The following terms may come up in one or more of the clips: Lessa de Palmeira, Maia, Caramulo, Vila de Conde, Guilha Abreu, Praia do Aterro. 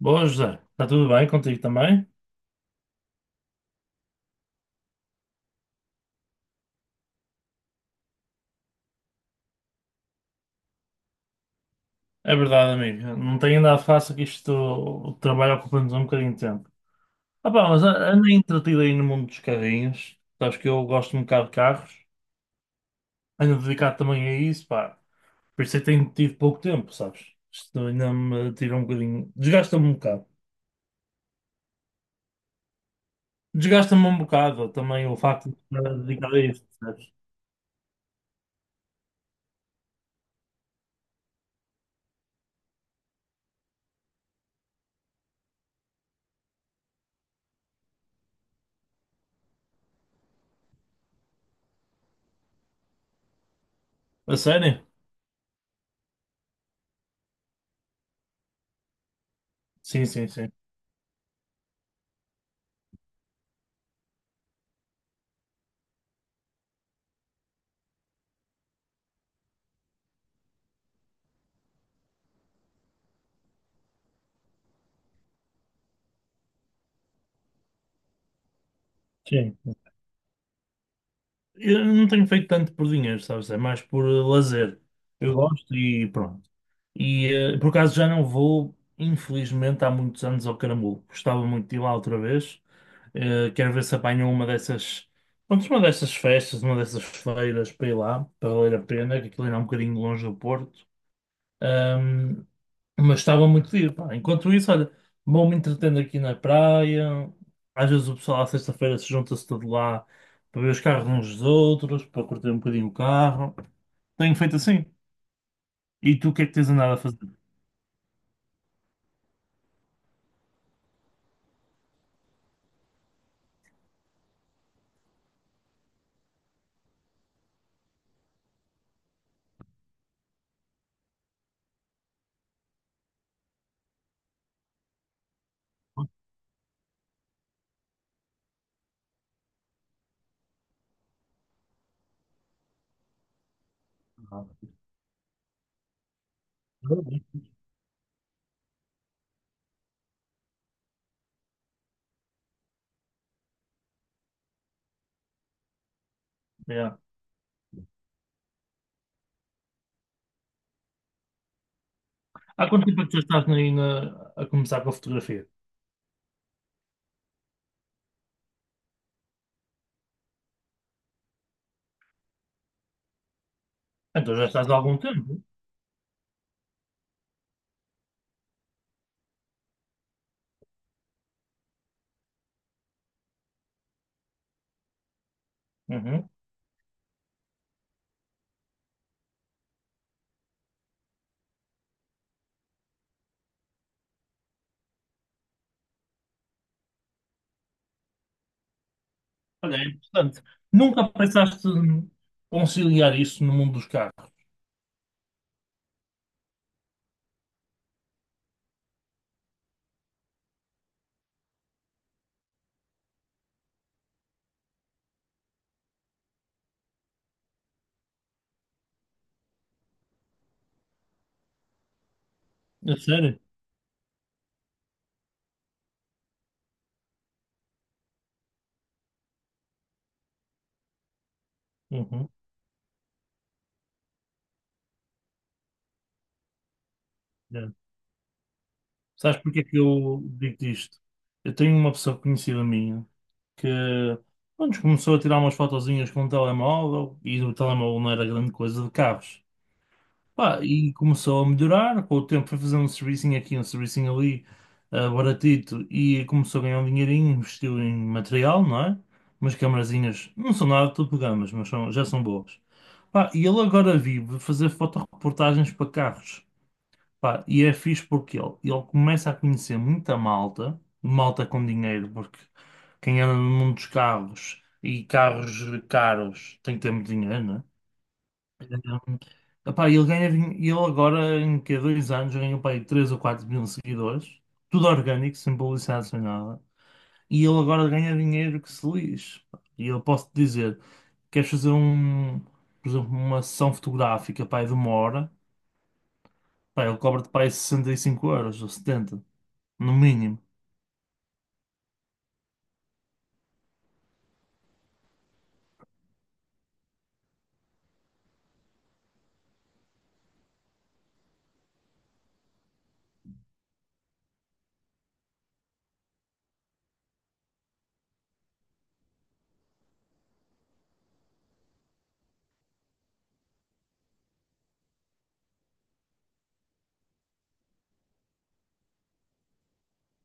Boa, José. Está tudo bem contigo também? É verdade, amigo. Não tenho andado fácil que isto, o trabalho ocupa-nos um bocadinho de tempo. Ah, pá, mas ando entretido aí no mundo dos carrinhos. Sabes que eu gosto um bocado de carros. Ando dedicado também a isso, pá. Por isso é que tenho tido pouco tempo, sabes? Isto ainda me tira um bocadinho. Desgasta-me um bocado. Desgasta-me um bocado também o facto de estar dedicado a isso, percebes? A sério? Sim, sim, sim. Sim. Eu não tenho feito tanto por dinheiro, sabes? É mais por lazer. Eu gosto e pronto. E por acaso já não vou, infelizmente, há muitos anos ao Caramulo. Gostava muito de ir lá outra vez. Quero ver se apanho uma dessas, pronto, uma dessas festas, uma dessas feiras para ir lá, para valer a pena, que aquilo ainda é um bocadinho longe do Porto. Ahm, mas estava muito giro, pá. Enquanto isso, olha, vou-me entretendo aqui na praia. Às vezes o pessoal à sexta-feira se junta-se todo lá para ver os carros uns dos outros, para curtir um bocadinho o carro. Tenho feito assim. E tu o que é que tens andado a fazer? Nada. Yeah. Há quanto tempo é que tu já estás aí a começar com a fotografia? Então já estás há algum tempo. Uhum. Olha, é interessante. Nunca pensaste em conciliar isso no mundo dos carros? É sério? Uhum. É. Sabes porque é que eu digo isto? Eu tenho uma pessoa conhecida minha que pronto, começou a tirar umas fotozinhas com o telemóvel e o telemóvel não era grande coisa de carros. Pá, e começou a melhorar, com o tempo foi fazendo um servicinho aqui, um servicinho ali, ah, baratito, e começou a ganhar um dinheirinho, investiu em material, não é? Umas camarazinhas, não são nada de topo de gamas, mas são- já são boas. Pá, e ele agora vive fazer fotoreportagens para carros. Pá, e é fixe porque ele começa a conhecer muita malta, malta com dinheiro, porque quem anda no mundo dos carros e carros caros tem que ter muito dinheiro, né? Um, epá, ele ganha, ele agora em que 2 anos ganhou para aí 3 ou 4 mil seguidores, tudo orgânico, sem publicidade, sem nada, e ele agora ganha dinheiro que se lixe. Pá. E eu posso te dizer, queres fazer um, por exemplo, uma sessão fotográfica, pá, aí de 1 hora, pá, ele cobra-te para aí 65 euros ou 70 no mínimo.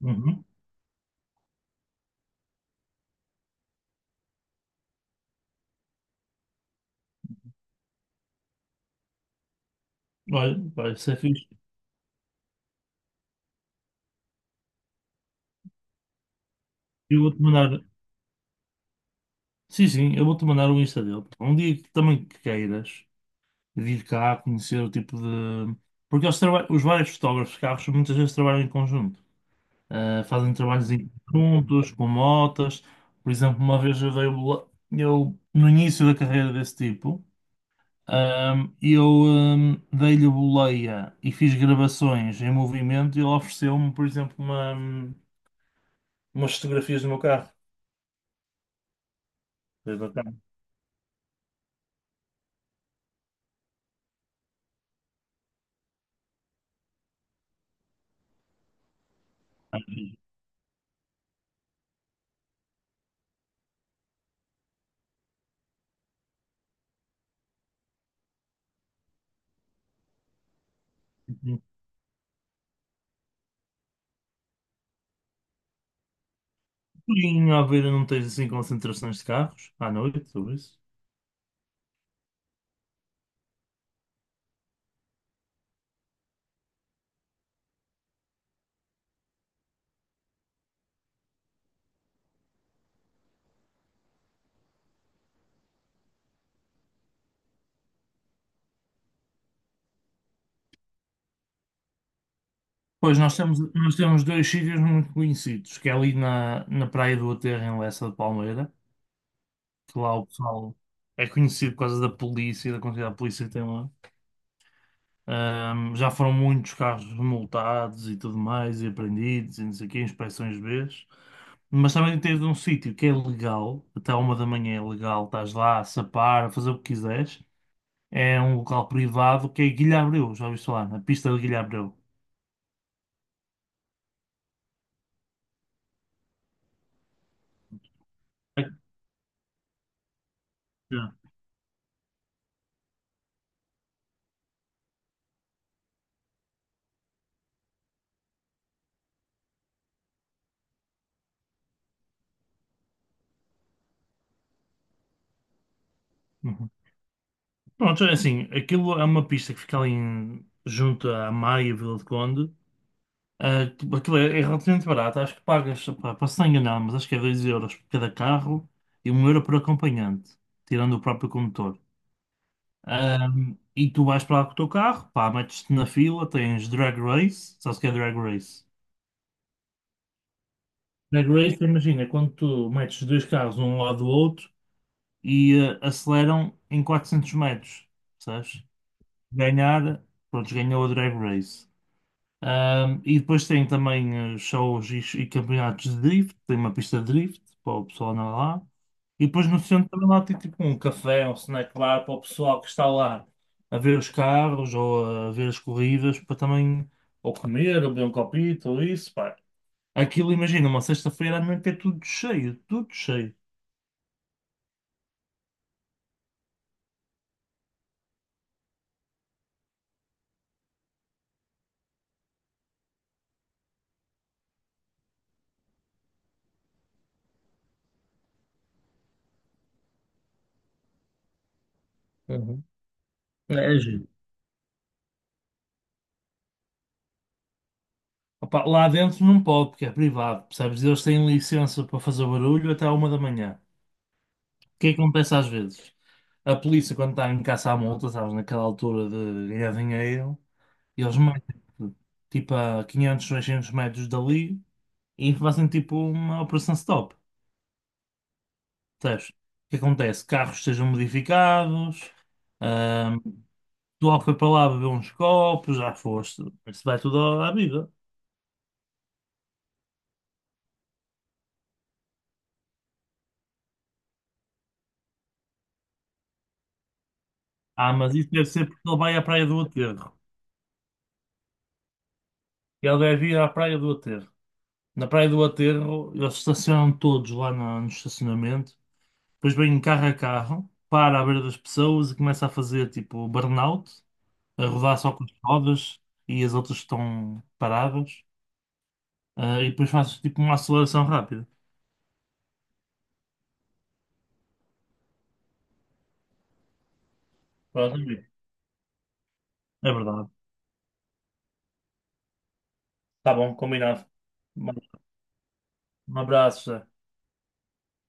Uhum. Olha, pá, isso é fixe. Eu vou-te mandar. Sim, sim, eu vou-te mandar o Insta dele. Um dia que também que queiras vir cá conhecer o tipo de. Porque eles os vários fotógrafos de carros muitas vezes trabalham em conjunto. Ah, fazem trabalhos em conjuntos, com motas. Por exemplo, uma vez eu, no início da carreira desse tipo, eu dei-lhe a boleia e fiz gravações em movimento e ele ofereceu-me, por exemplo, uma, umas fotografias do meu carro. Exatamente. Às vezes um pouquinho, à beira não tens assim concentrações de carros à noite, tudo isso. Pois nós temos dois sítios muito conhecidos, que é ali na, na Praia do Aterro, em Lessa de Palmeira, que lá o pessoal é conhecido por causa da polícia, e da quantidade de polícia que tem lá. Já foram muitos carros multados e tudo mais, e apreendidos, e não sei o quê, inspeções Bs. Mas também tens um sítio que é legal, até 1 da manhã é legal, estás lá a sapar, a fazer o que quiseres. É um local privado que é Guilha Abreu, já ouviste falar? A pista de Guilha Abreu. Já. Uhum. Pronto, é assim, aquilo é uma pista que fica ali junto à Maia e Vila de Conde. Ah, tipo, aquilo é relativamente barato, acho que pagas, pá, para se não enganar, mas acho que é 2 euros por cada carro e 1 euro por acompanhante, tirando o próprio condutor. Ah, e tu vais para lá com o teu carro, pá, metes-te na fila, tens drag race, sabes o que é drag race? Drag race, imagina, quando tu metes dois carros um ao lado do outro e aceleram em 400 metros, sabes? Ganhar, pronto, ganhou a Drag Race. E depois tem também shows e campeonatos de drift, tem uma pista de drift para o pessoal andar lá. E depois no centro também lá tem tipo um café, um snack bar para o pessoal que está lá a ver os carros ou a ver as corridas para também ou comer, ou beber um copito, ou isso, pá. Aquilo, imagina, uma sexta-feira à noite é tudo cheio, tudo cheio. Uhum. É giro. Opa, lá dentro não pode, porque é privado, percebes? Eles têm licença para fazer barulho até à 1 da manhã. O que é que acontece às vezes? A polícia, quando está em caça à multa, sabes, naquela altura de ganhar dinheiro, eles metem tipo a 500, 600 metros dali e fazem tipo uma operação stop. Percebes? O que acontece? Carros sejam modificados, ahm, tu logo foi para lá beber uns copos, já foste, isso vai tudo à vida. Ah, mas isso deve ser porque ele vai à praia do Aterro. E ele deve ir à Praia do Aterro. Na Praia do Aterro, eles estacionam todos lá no estacionamento. Depois vem um carro a carro, para à beira das pessoas e começa a fazer tipo burnout, a rodar só com as rodas e as outras estão paradas. Ah, e depois faz tipo uma aceleração rápida. Pronto, amigo. É verdade. Tá bom, combinado. Um abraço, Zé.